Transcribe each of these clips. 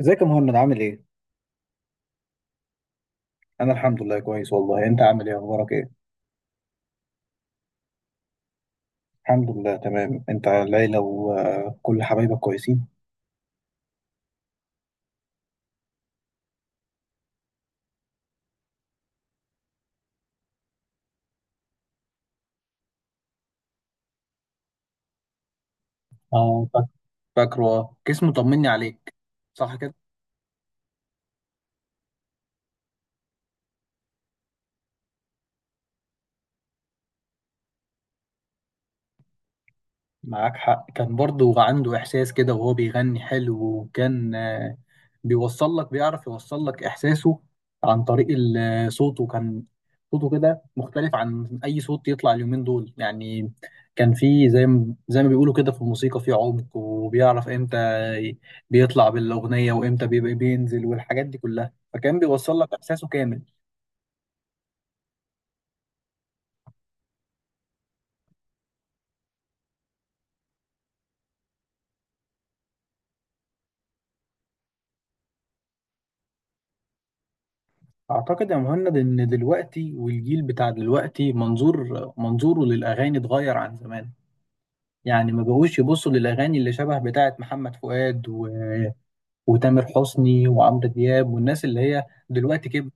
ازيك يا مهند، عامل ايه؟ انا الحمد لله كويس، والله. انت عامل ايه، اخبارك ايه؟ الحمد لله تمام. انت العيلة وكل حبايبك كويسين؟ اه، فاكره، اه كيس. مطمني عليك، صح. معاك حق، كان برضو عنده إحساس كده، وهو بيغني حلو. وكان بيوصل لك، بيعرف يوصل لك إحساسه عن طريق صوته. كان صوته كده مختلف عن أي صوت يطلع اليومين دول، يعني. كان فيه زي ما بيقولوا كده في الموسيقى، فيه عمق. وبيعرف إمتى ي- بيطلع بالأغنية وإمتى بيبقى بينزل، والحاجات دي كلها. فكان بيوصل لك إحساسه كامل. أعتقد يا مهند إن دلوقتي والجيل بتاع دلوقتي، منظوره للأغاني اتغير عن زمان. يعني ما بقوش يبصوا للأغاني اللي شبه بتاعة محمد فؤاد وتامر حسني وعمرو دياب، والناس اللي هي دلوقتي كبرت.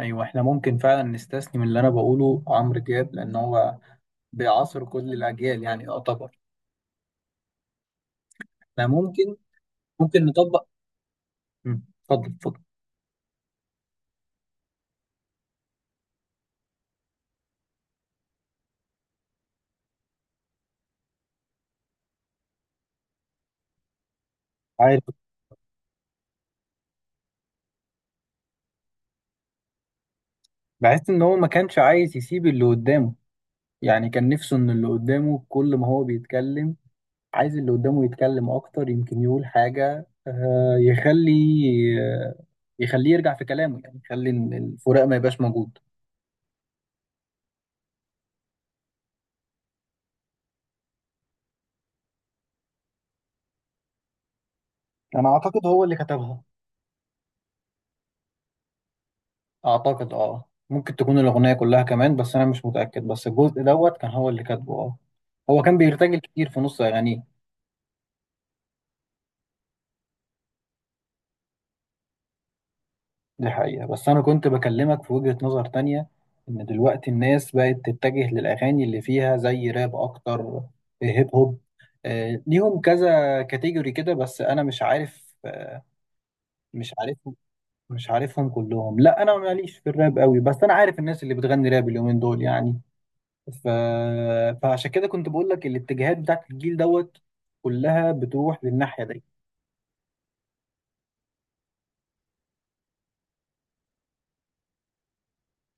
أيوة، إحنا ممكن فعلا نستثني من اللي أنا بقوله عمرو دياب، لأن هو بيعاصر كل الأجيال، يعني. يعتبر إحنا ممكن نطبق. مم. اتفضل اتفضل. عارف، بحس إن هو ما كانش عايز يسيب اللي قدامه. يعني كان نفسه إن اللي قدامه كل ما هو بيتكلم، عايز اللي قدامه يتكلم أكتر، يمكن يقول حاجة، آه، يخليه يرجع في كلامه. يعني يخلي الفراق ما يبقاش موجود. انا اعتقد هو اللي كتبها. اعتقد اه، ممكن تكون الاغنيه كلها كمان، بس انا مش متاكد. بس الجزء دوت كان هو اللي كاتبه، اه. هو كان بيرتجل كتير في نص اغانيه. دي حقيقه، بس انا كنت بكلمك في وجهه نظر تانية، ان دلوقتي الناس بقت تتجه للاغاني اللي فيها زي راب اكتر، هيب هوب. ليهم كذا كاتيجوري كده، بس انا مش عارف آه، مش عارف مش عارفهم كلهم. لا، انا ماليش في الراب قوي، بس انا عارف الناس اللي بتغني راب اليومين دول، يعني. ف... فعشان كده كنت بقول لك الاتجاهات بتاعت الجيل دوت كلها بتروح للناحيه دي.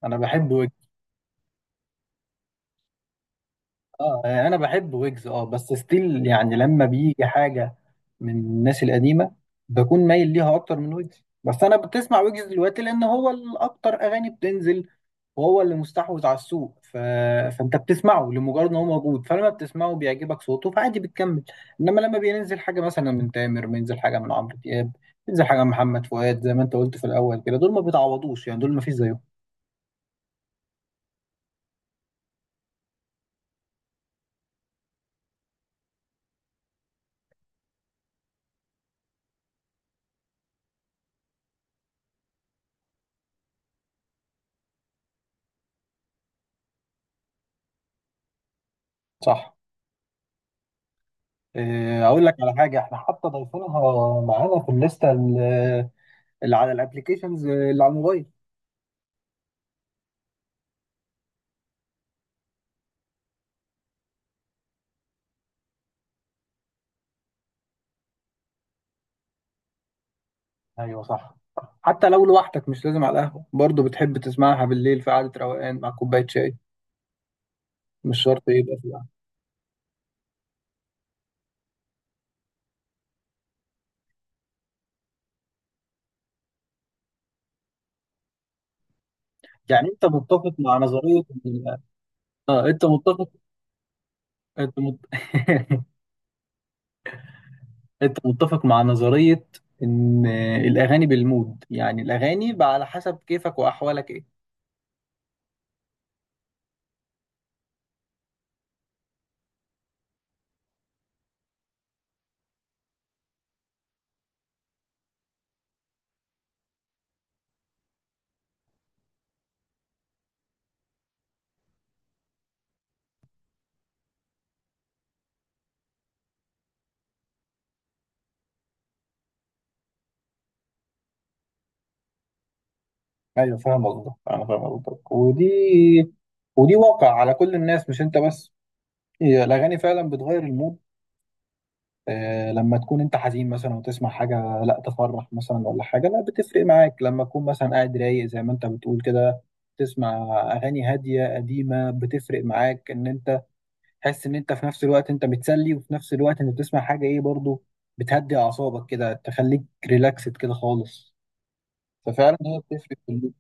انا بحب ويجز انا بحب ويجز، اه، بس ستيل يعني لما بيجي حاجه من الناس القديمه، بكون مايل ليها اكتر من ويجز. بس انا بتسمع ويجز دلوقتي لان هو الاكتر اغاني بتنزل، وهو اللي مستحوذ على السوق. فانت بتسمعه لمجرد ان هو موجود، فلما بتسمعه بيعجبك صوته، فعادي بتكمل. انما لما بينزل حاجه مثلا من تامر، بينزل حاجه من عمرو دياب، بينزل حاجه من محمد فؤاد، زي ما انت قلت في الاول كده، دول ما بيتعوضوش يعني، دول ما فيش زيهم. صح. اقول لك على حاجه، احنا حتى ضايفينها معانا في الليسته اللي على الابلكيشنز اللي على الموبايل. ايوه، صح. حتى لو لوحدك، مش لازم على القهوه برضه بتحب تسمعها بالليل في قعده روقان مع كوبايه شاي. مش شرط يبقى في القهوة. يعني انت متفق مع نظرية اه، انت متفق. انت مت... انت متفق مع نظرية ان الاغاني بالمود، يعني الاغاني بقى على حسب كيفك واحوالك ايه؟ ايوه، فاهم قصدك. انا فاهم قصدك، ودي واقع على كل الناس مش انت بس. هي الاغاني فعلا بتغير المود. لما تكون انت حزين مثلا وتسمع حاجه، لا تفرح مثلا. ولا حاجه، لا، بتفرق معاك لما تكون مثلا قاعد رايق زي ما انت بتقول كده. تسمع اغاني هاديه قديمه، بتفرق معاك ان انت تحس ان انت في نفس الوقت انت بتسلي، وفي نفس الوقت انت بتسمع حاجه ايه برضو، بتهدي اعصابك كده، تخليك ريلاكسد كده خالص. ففعلا هي بتفرق في المود.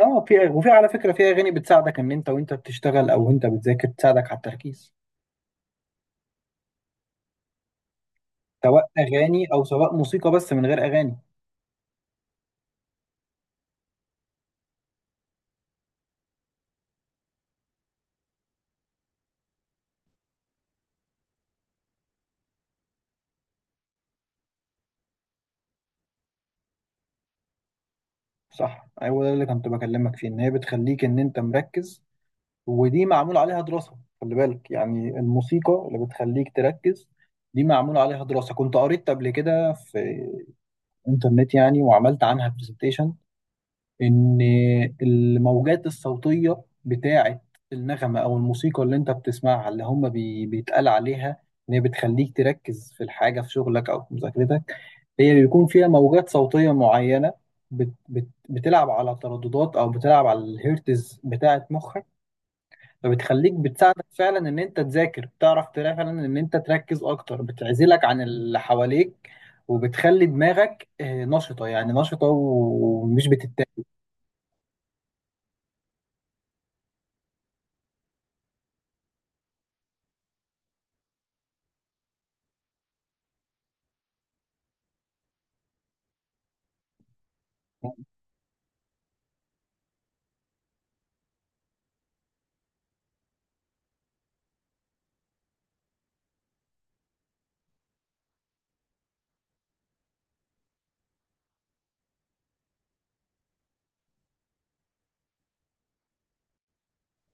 اه، في وفي على فكره، في اغاني بتساعدك ان انت وانت بتشتغل او انت بتذاكر، تساعدك على التركيز. سواء اغاني او سواء موسيقى بس من غير اغاني. صح، ايوه. ده اللي كنت بكلمك فيه، ان هي بتخليك ان انت مركز. ودي معمول عليها دراسه، خلي بالك. يعني الموسيقى اللي بتخليك تركز، دي معمول عليها دراسه، كنت قريت قبل كده في انترنت يعني، وعملت عنها برزنتيشن. ان الموجات الصوتيه بتاعه النغمه او الموسيقى اللي انت بتسمعها، اللي هم بيتقال عليها ان هي بتخليك تركز في الحاجه، في شغلك او في مذاكرتك. هي بيكون فيها موجات صوتيه معينه بت بت بتلعب على ترددات، او بتلعب على الهيرتز بتاعه مخك. فبتخليك، بتساعدك فعلا ان انت تذاكر، بتعرف تلاقي فعلا ان انت تركز اكتر، بتعزلك عن اللي حواليك، وبتخلي دماغك نشطة. يعني نشطة ومش بتتاكل.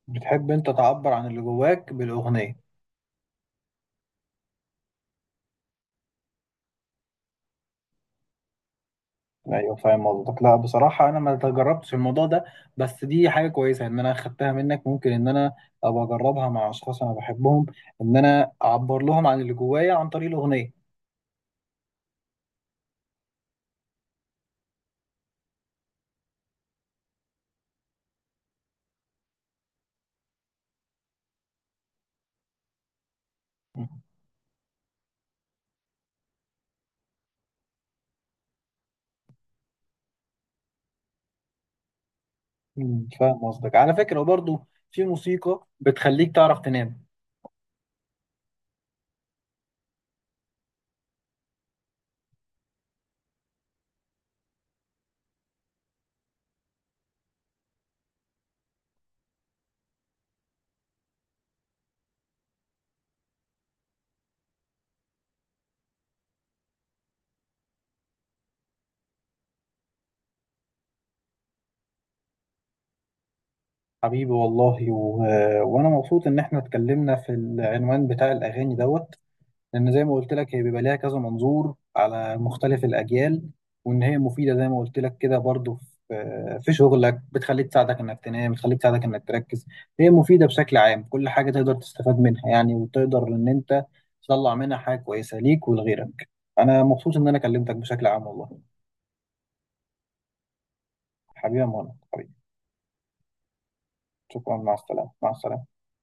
بتحب انت تعبر عن اللي جواك بالاغنية؟ ايوه، فاهم قصدك. لا، بصراحة انا ما تجربتش الموضوع ده، بس دي حاجة كويسة ان انا خدتها منك. ممكن ان انا ابقى اجربها مع اشخاص انا بحبهم، ان انا اعبر لهم عن اللي جوايا عن طريق الاغنية. فاهم قصدك. على فكرة، وبرضه في موسيقى بتخليك تعرف تنام. حبيبي والله، وانا مبسوط ان احنا اتكلمنا في العنوان بتاع الاغاني دوت. لان زي ما قلت لك، هي بيبقى ليها كذا منظور على مختلف الاجيال. وان هي مفيدة زي ما قلت لك كده برضه، في شغلك، بتخليك تساعدك انك تنام، بتخليك تساعدك انك تركز. هي مفيدة بشكل عام، كل حاجة تقدر تستفاد منها، يعني، وتقدر ان انت تطلع منها حاجة كويسة ليك ولغيرك. انا مبسوط ان انا كلمتك، بشكل عام والله. حبيبي يا مهند. شكرا، مع السلامة، مع السلامة.